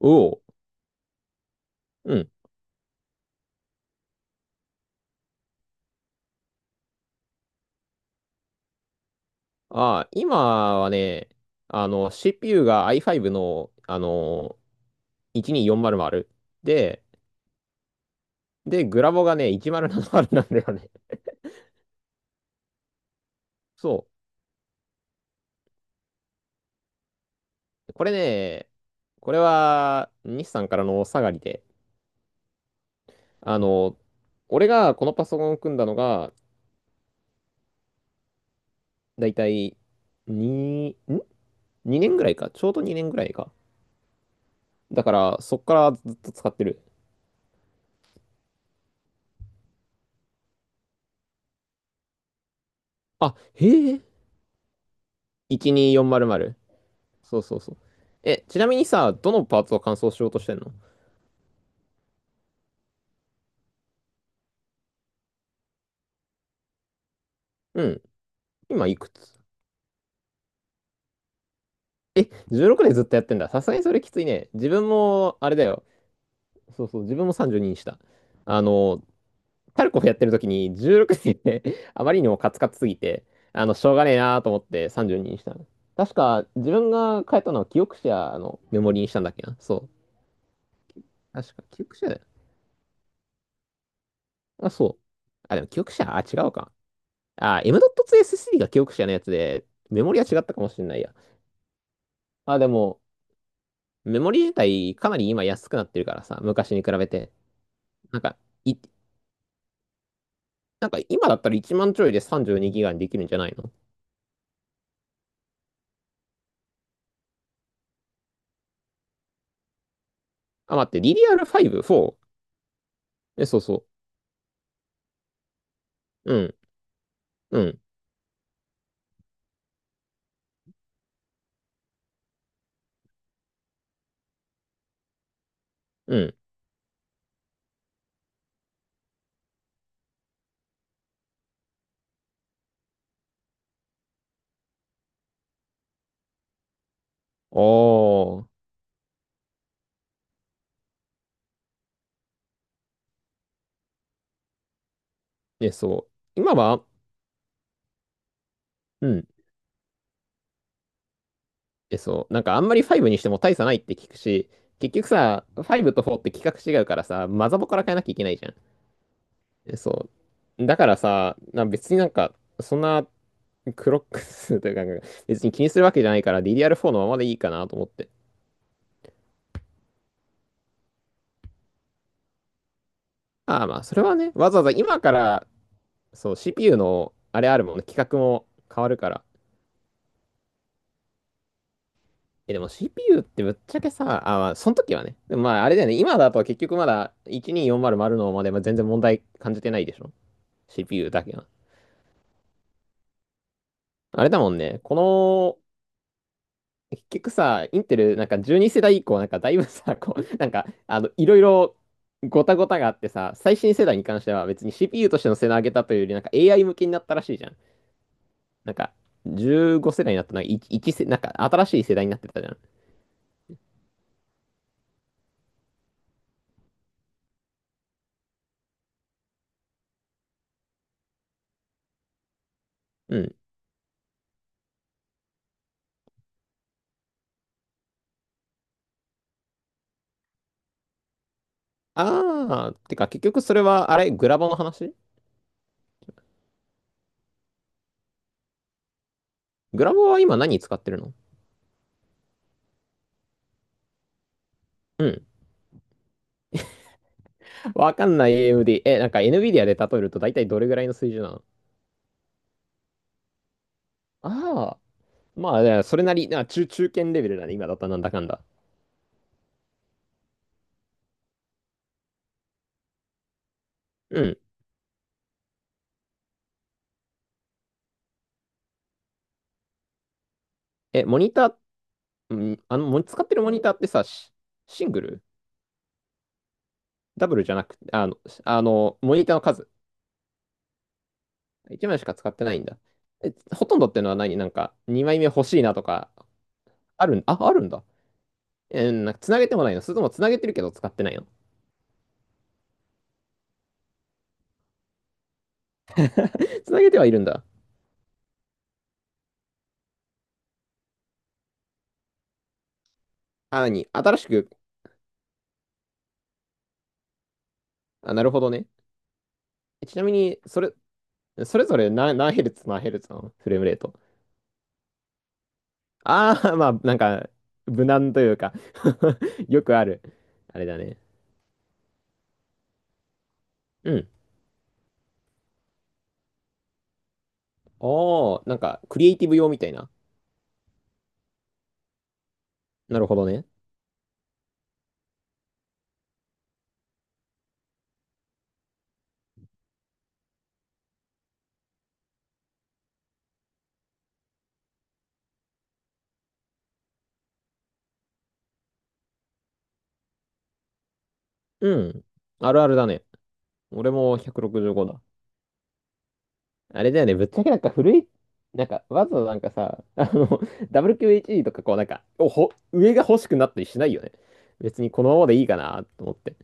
おお、うん。今はね、CPU が i5 の、12400で、で、グラボがね、1070ななまるなんだよね。そう。これね、これは、日産からのお下がりで、あの、俺がこのパソコンを組んだのが、だいたい2、ん ?2 年ぐらいか。ちょうど2年ぐらいか。だから、そっからずっと使ってる。あ、へえ、12400。そうそうそう。え、ちなみにさ、どのパーツを完走しようとしてんの？うん。今いくつ？え、16でずっとやってんだ。さすがにそれきついね。自分も、あれだよ。そうそう、自分も32にした。あの、タルコフやってる時に16で あまりにもカツカツすぎて、しょうがねえなーと思って32にしたの。確か、自分が変えたのは記憶者のメモリにしたんだっけな。そう。確か、記憶者だよ。あ、そう。あ、でも記憶者、あ、違うか。あ、M.2 SSD が記憶者のやつで、メモリは違ったかもしれないや。まあ、でも、メモリ自体かなり今安くなってるからさ、昔に比べて。なんか、い、なんか今だったら1万ちょいで32ギガにできるんじゃないの？あ、待って、DDR5、4？ え、そうそう。うん、うん、うん。おー。え、そう。今は、うん。え、そう。なんかあんまり5にしても大差ないって聞くし、結局さ、5と4って規格違うからさ、マザボから変えなきゃいけないじゃん。え、そう。だからさ、別になんか、そんな クロックスというか、別に気にするわけじゃないから DDR4 のままでいいかなと思って。ああまあ、それはね、わざわざ今から、そう、CPU の、あれあるもんね、規格も変わるから。え、でも CPU ってぶっちゃけさ、あ、まあ、その時はね、でもまあ、あれだよね、今だと結局まだ12400のまるまで全然問題感じてないでしょ？ CPU だけは。あれだもんね、この結局さ、インテル、なんか12世代以降、なんかだいぶさ、こう、なんか、いろいろごたごたがあってさ、最新世代に関しては別に CPU としての性能上げたというより、なんか AI 向けになったらしいじゃん。なんか、15世代になったな、1、一世、なんか新しい世代になってたじゃん。うん。てか結局それは、あれ、グラボの話？グラボは今何使ってるの？うん。わかんない AMD。え、なんか NVIDIA で例えると大体どれぐらいの水準なの？ああー、まあ、じゃあそれなり、中堅レベルだね、今だったらなんだかんだ。うん、え、モニター、うん、使ってるモニターってさ、シングルダブルじゃなくて、モニターの数。1枚しか使ってないんだ。え、ほとんどってのは何？なんか、2枚目欲しいなとか、あるん、あ、あるんだ。なんか、つなげてもないの？それともつなげてるけど使ってないの？ つなげてはいるんだ。あ、何新しく、あ、なるほどね。えちなみに、それ、それぞれ何ヘルツ、何ヘルツなの？フレームレート。ああ、まあ、なんか、無難というか よくある。あれだね。うん。ああ、なんか、クリエイティブ用みたいな。なるほどね。うん。あるあるだね。俺も165だ。あれだよね、ぶっちゃけなんか古い、なんか、わざわざなんかさ、WQHD とかこうなんか、上が欲しくなったりしないよね。別にこのままでいいかなと思って。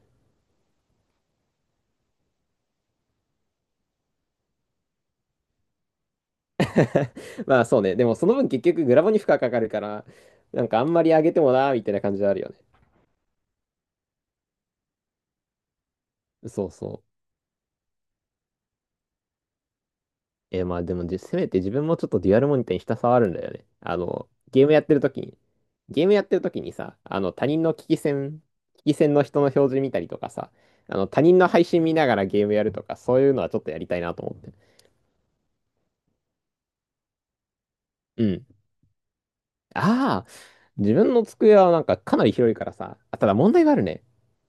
まあそうね、でもその分結局グラボに負荷かかるから、なんかあんまり上げてもな、みたいな感じはあるよね。そうそう。まあでもせめて自分もちょっとデュアルモニターにひたすらあるんだよね。ゲームやってる時にさ、他人の危機戦の人の表示見たりとかさ、他人の配信見ながらゲームやるとか、そういうのはちょっとやりたいなと思って。うん。ああ、自分の机はなんかかなり広いからさ、あただ問題があるね。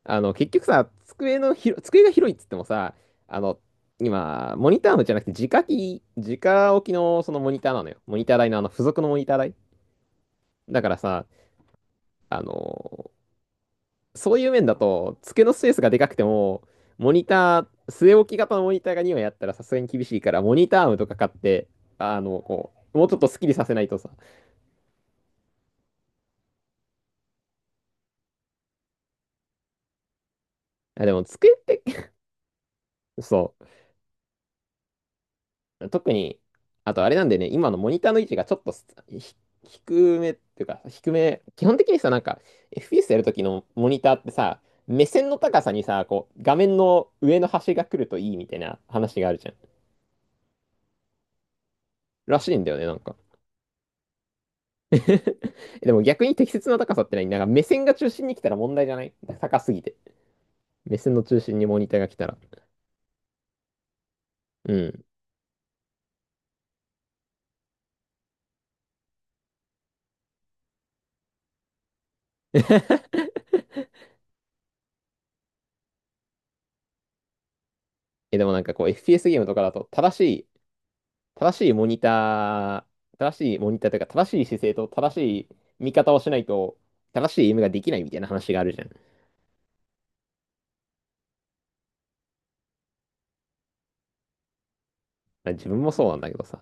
結局さ、机のひろ、机が広いっつってもさ、あの、今、モニターのじゃなくて、直置きのそのモニターなのよ。モニター台のあの、付属のモニター台。だからさ、あの、そういう面だと、机のスペースがでかくても、モニター、据え置き型のモニターが2枚あったらさすがに厳しいから、モニターアームとか買って、こう、もうちょっとスッキリさせないとさ。あでも、机って そう、特に、あとあれなんでね、今のモニターの位置がちょっと低めっていうか、低め、基本的にさ、なんか、FPS やるときのモニターってさ、目線の高さにさ、こう、画面の上の端が来るといいみたいな話があるじゃん。らしいんだよね、なんか。でも逆に適切な高さってない？なんか目線が中心に来たら問題じゃない？高すぎて。目線の中心にモニターが来たら。うん。え、でもなんかこう FPS ゲームとかだと正しいモニタ正しいモニターというか正しい姿勢と正しい見方をしないと正しいゲームができないみたいな話があるじゃん。自分もそうなんだけどさ。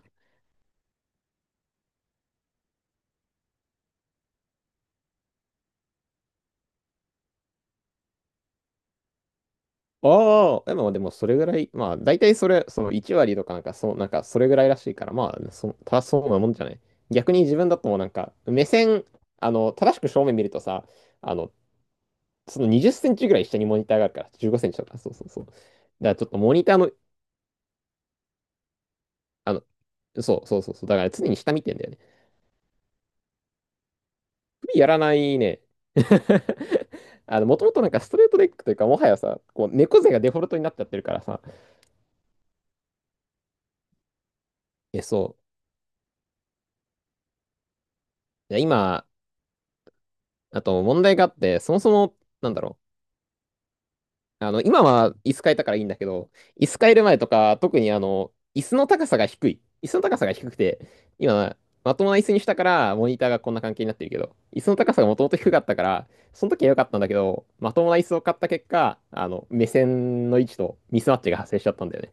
ああ、でもそれぐらい、まあ、大体その1割とかなんか、そう、なんか、それぐらいらしいから、まあ、正しそうなもんじゃない。逆に自分だともうなんか、目線、正しく正面見るとさ、あの、その20センチぐらい下にモニターがあるから、15センチとか、そうそうそう。だからちょっとモニターの、あの、そうそうそうそう、だから常に下見てんだよね。首やらないね。もともとなんかストレートレッグというか、もはやさ、こう、猫背がデフォルトになっちゃってるからさ、え、そう。いや今、あと問題があって、そもそも、なんだろう。今は椅子変えたからいいんだけど、椅子変える前とか、特にあの、椅子の高さが低くて、今、まともな椅子にしたから、モニターがこんな関係になってるけど、椅子の高さがもともと低かったから、その時は良かったんだけど、まともな椅子を買った結果、目線の位置とミスマッチが発生しちゃったんだよね。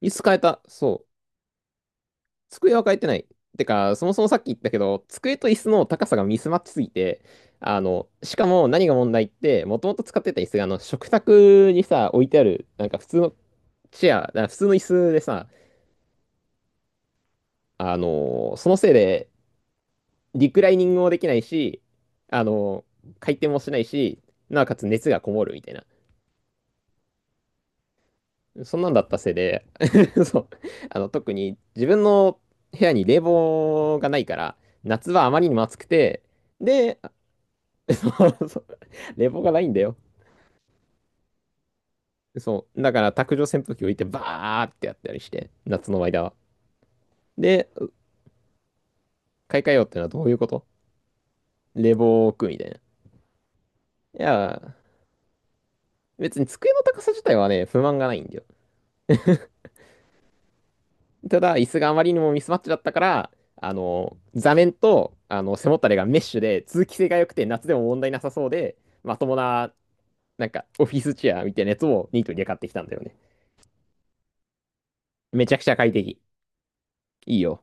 椅子変えた。そう。机は変えてない。てか、そもそもさっき言ったけど、机と椅子の高さがミスマッチすぎて、しかも何が問題って、もともと使ってた椅子が、あの、食卓にさ、置いてある、普通の椅子でさ、そのせいで、リクライニングもできないし、あの、回転もしないし、なおかつ熱がこもるみたいな。そんなんだったせいで、そう、特に自分の部屋に冷房がないから、夏はあまりにも暑くて、で、そうそう冷房がないんだよ。そう。だから卓上扇風機置いてバーってやったりして、夏の間は。で、買い替えようってのはどういうこと？冷房を置くみたいな。いや、別に机の高さ自体はね、不満がないんだよ。ただ、椅子があまりにもミスマッチだったから、座面と、背もたれがメッシュで、通気性が良くて夏でも問題なさそうで、まともな、なんか、オフィスチェアみたいなやつをニートにで買ってきたんだよね。めちゃくちゃ快適。いいよ。